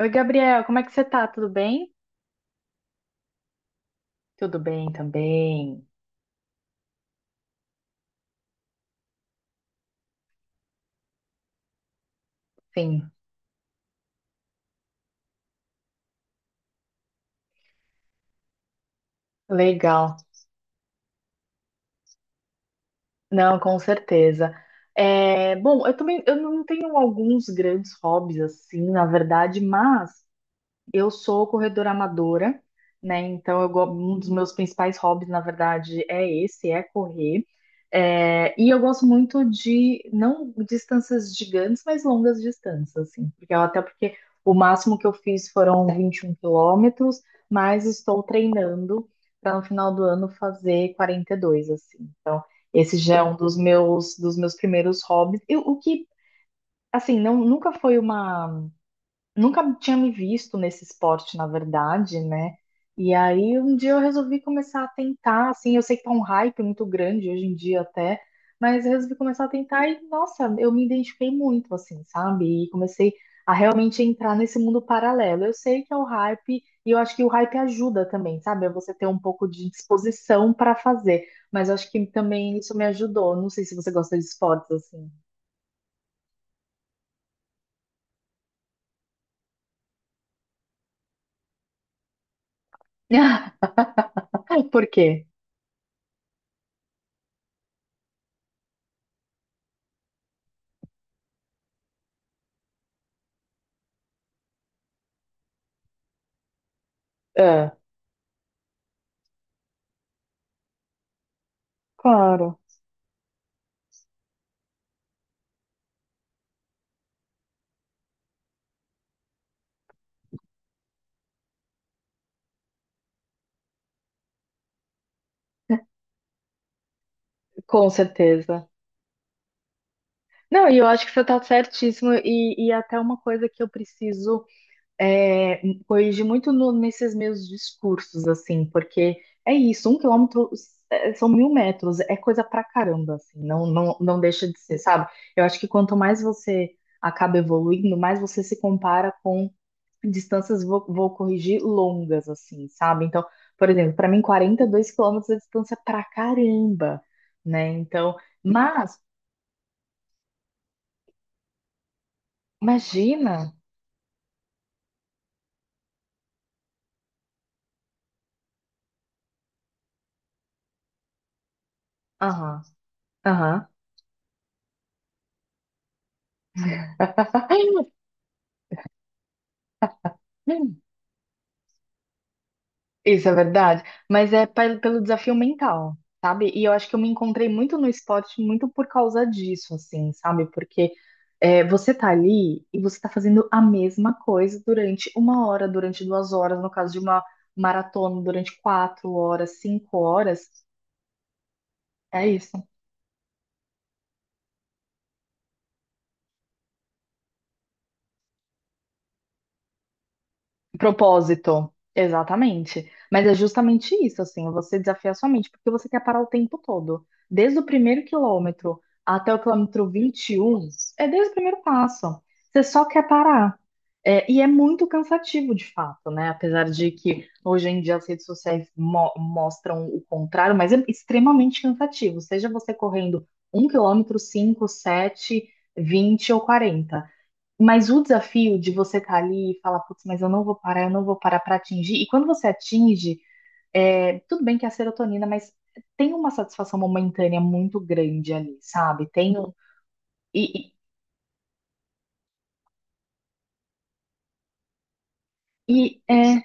Oi, Gabriel, como é que você tá? Tudo bem? Tudo bem também. Sim, legal. Não, com certeza. Bom, eu também eu não tenho alguns grandes hobbies assim, na verdade, mas eu sou corredora amadora, né? Então, um dos meus principais hobbies, na verdade, é esse, é correr. E eu gosto muito de, não distâncias gigantes, mas longas distâncias, assim. Até porque o máximo que eu fiz foram 21 quilômetros, mas estou treinando para no final do ano fazer 42, assim. Então, esse já é um dos meus primeiros hobbies. Eu- o que, assim, não, nunca foi uma nunca tinha me visto nesse esporte, na verdade, né? E aí um dia eu resolvi começar a tentar, assim. Eu sei que tá um hype muito grande hoje em dia até, mas eu resolvi começar a tentar e, nossa, eu me identifiquei muito, assim, sabe? E comecei a realmente entrar nesse mundo paralelo. Eu sei que é o hype e eu acho que o hype ajuda também, sabe? É você ter um pouco de disposição para fazer, mas eu acho que também isso me ajudou. Não sei se você gosta de esportes, assim. Por quê? É, claro. Com certeza. Não, e eu acho que você está certíssimo, e até uma coisa que eu preciso é, corrigir muito nesses meus discursos, assim, porque é isso, um quilômetro é, são 1000 metros, é coisa pra caramba, assim. Não, não, não deixa de ser, sabe? Eu acho que quanto mais você acaba evoluindo, mais você se compara com distâncias, vou corrigir, longas, assim, sabe? Então, por exemplo, para mim, 42 quilômetros é distância pra caramba, né? Então. Mas imagina. Aham, aham. Isso é verdade. Mas é pelo desafio mental, sabe? E eu acho que eu me encontrei muito no esporte, muito por causa disso, assim, sabe? Porque é, você tá ali e você tá fazendo a mesma coisa durante uma hora, durante duas horas, no caso de uma maratona, durante quatro horas, cinco horas. É isso. Propósito, exatamente. Mas é justamente isso, assim, você desafiar sua mente, porque você quer parar o tempo todo. Desde o primeiro quilômetro até o quilômetro 21 é desde o primeiro passo. Você só quer parar. É, e é muito cansativo, de fato, né? Apesar de que hoje em dia as redes sociais mostram o contrário, mas é extremamente cansativo. Seja você correndo um quilômetro, cinco, sete, vinte ou quarenta, mas o desafio de você estar ali e falar, putz, mas eu não vou parar, eu não vou parar para atingir. E quando você atinge, é, tudo bem que é a serotonina, mas tem uma satisfação momentânea muito grande ali, sabe? Tem um, e, e e é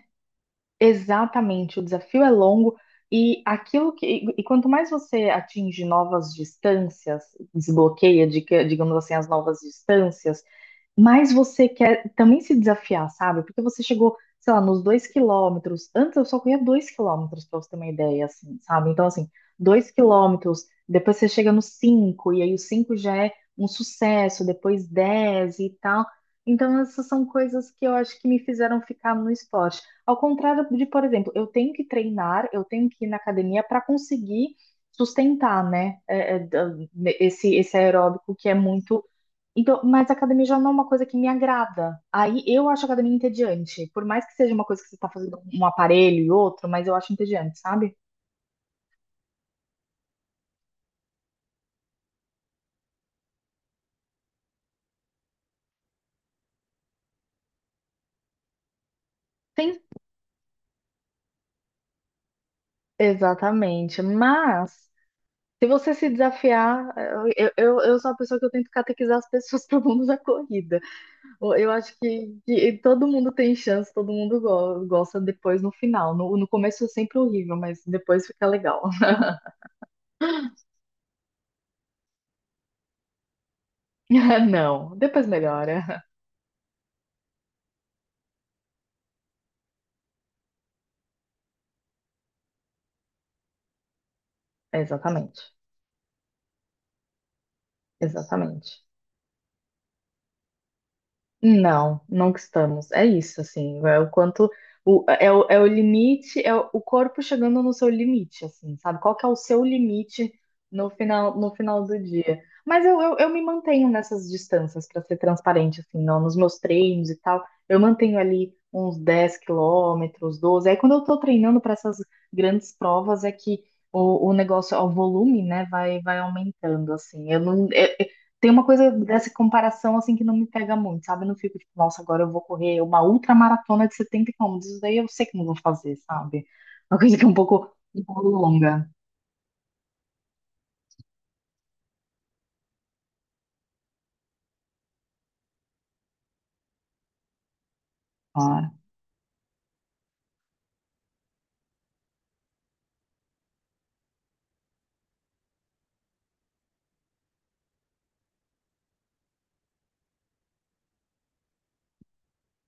exatamente, o desafio é longo e aquilo que e quanto mais você atinge novas distâncias, desbloqueia, digamos assim, as novas distâncias. Mas você quer também se desafiar, sabe? Porque você chegou, sei lá, nos dois quilômetros. Antes eu só corria dois quilômetros, pra você ter uma ideia, assim, sabe? Então, assim, dois quilômetros, depois você chega nos cinco, e aí os cinco já é um sucesso, depois dez e tal. Então, essas são coisas que eu acho que me fizeram ficar no esporte. Ao contrário de, por exemplo, eu tenho que treinar, eu tenho que ir na academia para conseguir sustentar, né? Esse, esse aeróbico que é muito então, mas a academia já não é uma coisa que me agrada. Aí eu acho a academia entediante. Por mais que seja uma coisa que você está fazendo um aparelho e outro, mas eu acho entediante, sabe? Sim. Exatamente. Mas, se você se desafiar, eu sou a pessoa que eu tento catequizar as pessoas para o mundo da corrida. Eu acho que todo mundo tem chance, todo mundo gosta depois no final. No começo é sempre horrível, mas depois fica legal. Não, depois melhora. Exatamente. Exatamente. Não, nunca estamos. É isso, assim, é o quanto é o limite, é o corpo chegando no seu limite, assim, sabe? Qual que é o seu limite no final, no final do dia? Mas eu me mantenho nessas distâncias, para ser transparente, assim, não, nos meus treinos e tal, eu mantenho ali uns 10 quilômetros, 12. Aí quando eu tô treinando para essas grandes provas é que o negócio, o volume, né, vai aumentando, assim. Eu não, tem uma coisa dessa comparação assim que não me pega muito, sabe? Eu não fico tipo, nossa, agora eu vou correr uma ultramaratona de 70 quilômetros. Isso daí eu sei que não vou fazer, sabe? É uma coisa que é um pouco longa. Claro.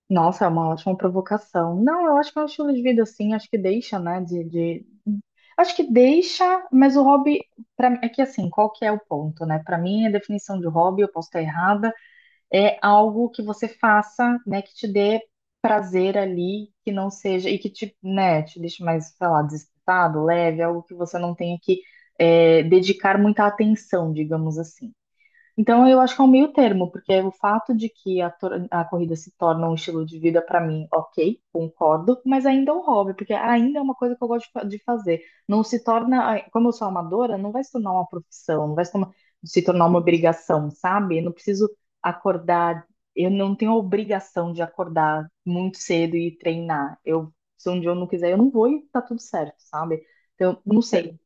Nossa, é uma ótima provocação. Não, eu acho que é um estilo de vida assim, acho que deixa, né? De... acho que deixa, mas o hobby, pra... é que assim, qual que é o ponto, né? Para mim, a definição de hobby, eu posso estar errada, é algo que você faça, né, que te dê prazer ali, que não seja, e que te, né, te deixe mais, sei lá, desesperado, leve, algo que você não tenha que dedicar muita atenção, digamos assim. Então, eu acho que é um meio termo, porque é o fato de que a corrida se torna um estilo de vida para mim, ok, concordo, mas ainda é um hobby, porque ainda é uma coisa que eu gosto de de fazer. Não se torna, como eu sou amadora, não vai se tornar uma profissão, não vai se tornar, se tornar uma obrigação, sabe? Eu não preciso acordar, eu não tenho a obrigação de acordar muito cedo e treinar. Eu, se um dia eu não quiser, eu não vou e tá tudo certo, sabe? Então, não sei.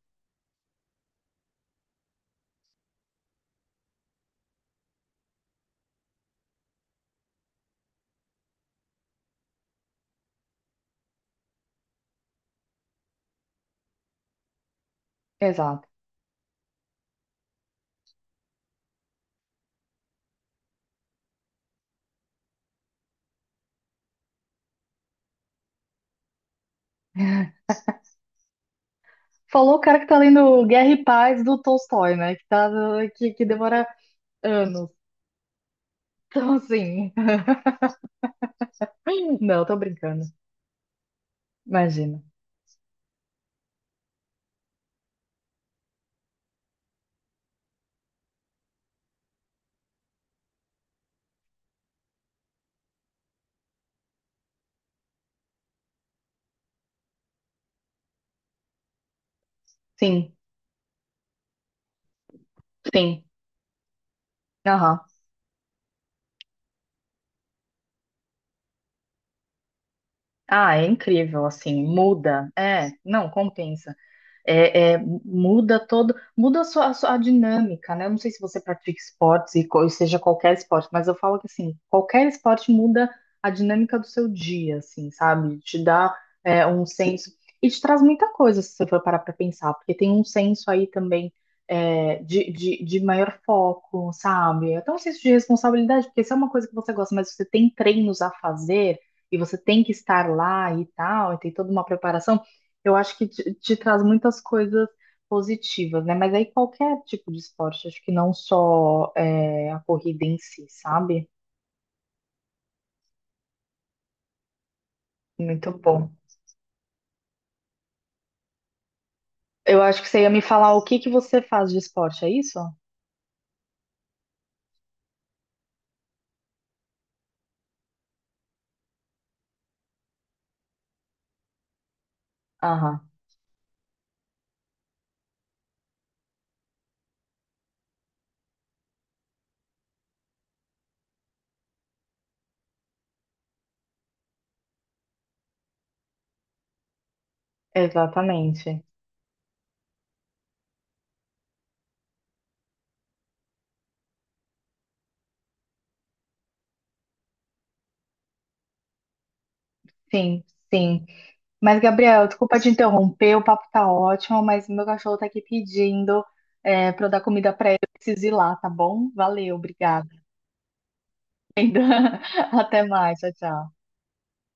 Exato. Falou o cara que tá lendo Guerra e Paz do Tolstói, né? Que, tá, que demora anos. Então, assim. Não, tô brincando. Imagina. Sim, sim. Aham. Ah, é incrível, assim. Muda. É, não, compensa. Muda todo, muda a sua dinâmica, né? Eu não sei se você pratica esportes e seja qualquer esporte, mas eu falo que assim, qualquer esporte muda a dinâmica do seu dia, assim, sabe? Te dá um senso e te traz muita coisa se você for parar para pensar, porque tem um senso aí também de maior foco, sabe? Até um senso de responsabilidade, porque se é uma coisa que você gosta, mas você tem treinos a fazer e você tem que estar lá e tal, e tem toda uma preparação. Eu acho que te traz muitas coisas positivas, né? Mas aí qualquer tipo de esporte, acho que não só é, a corrida em si, sabe? Muito bom. Eu acho que você ia me falar o que que você faz de esporte, é isso? Aham, exatamente. Sim, sim. Mas, Gabriel, desculpa te interromper, o papo tá ótimo, mas meu cachorro tá aqui pedindo pra eu dar comida pra ele, eu preciso ir lá, tá bom? Valeu, obrigada. Até mais, tchau, tchau.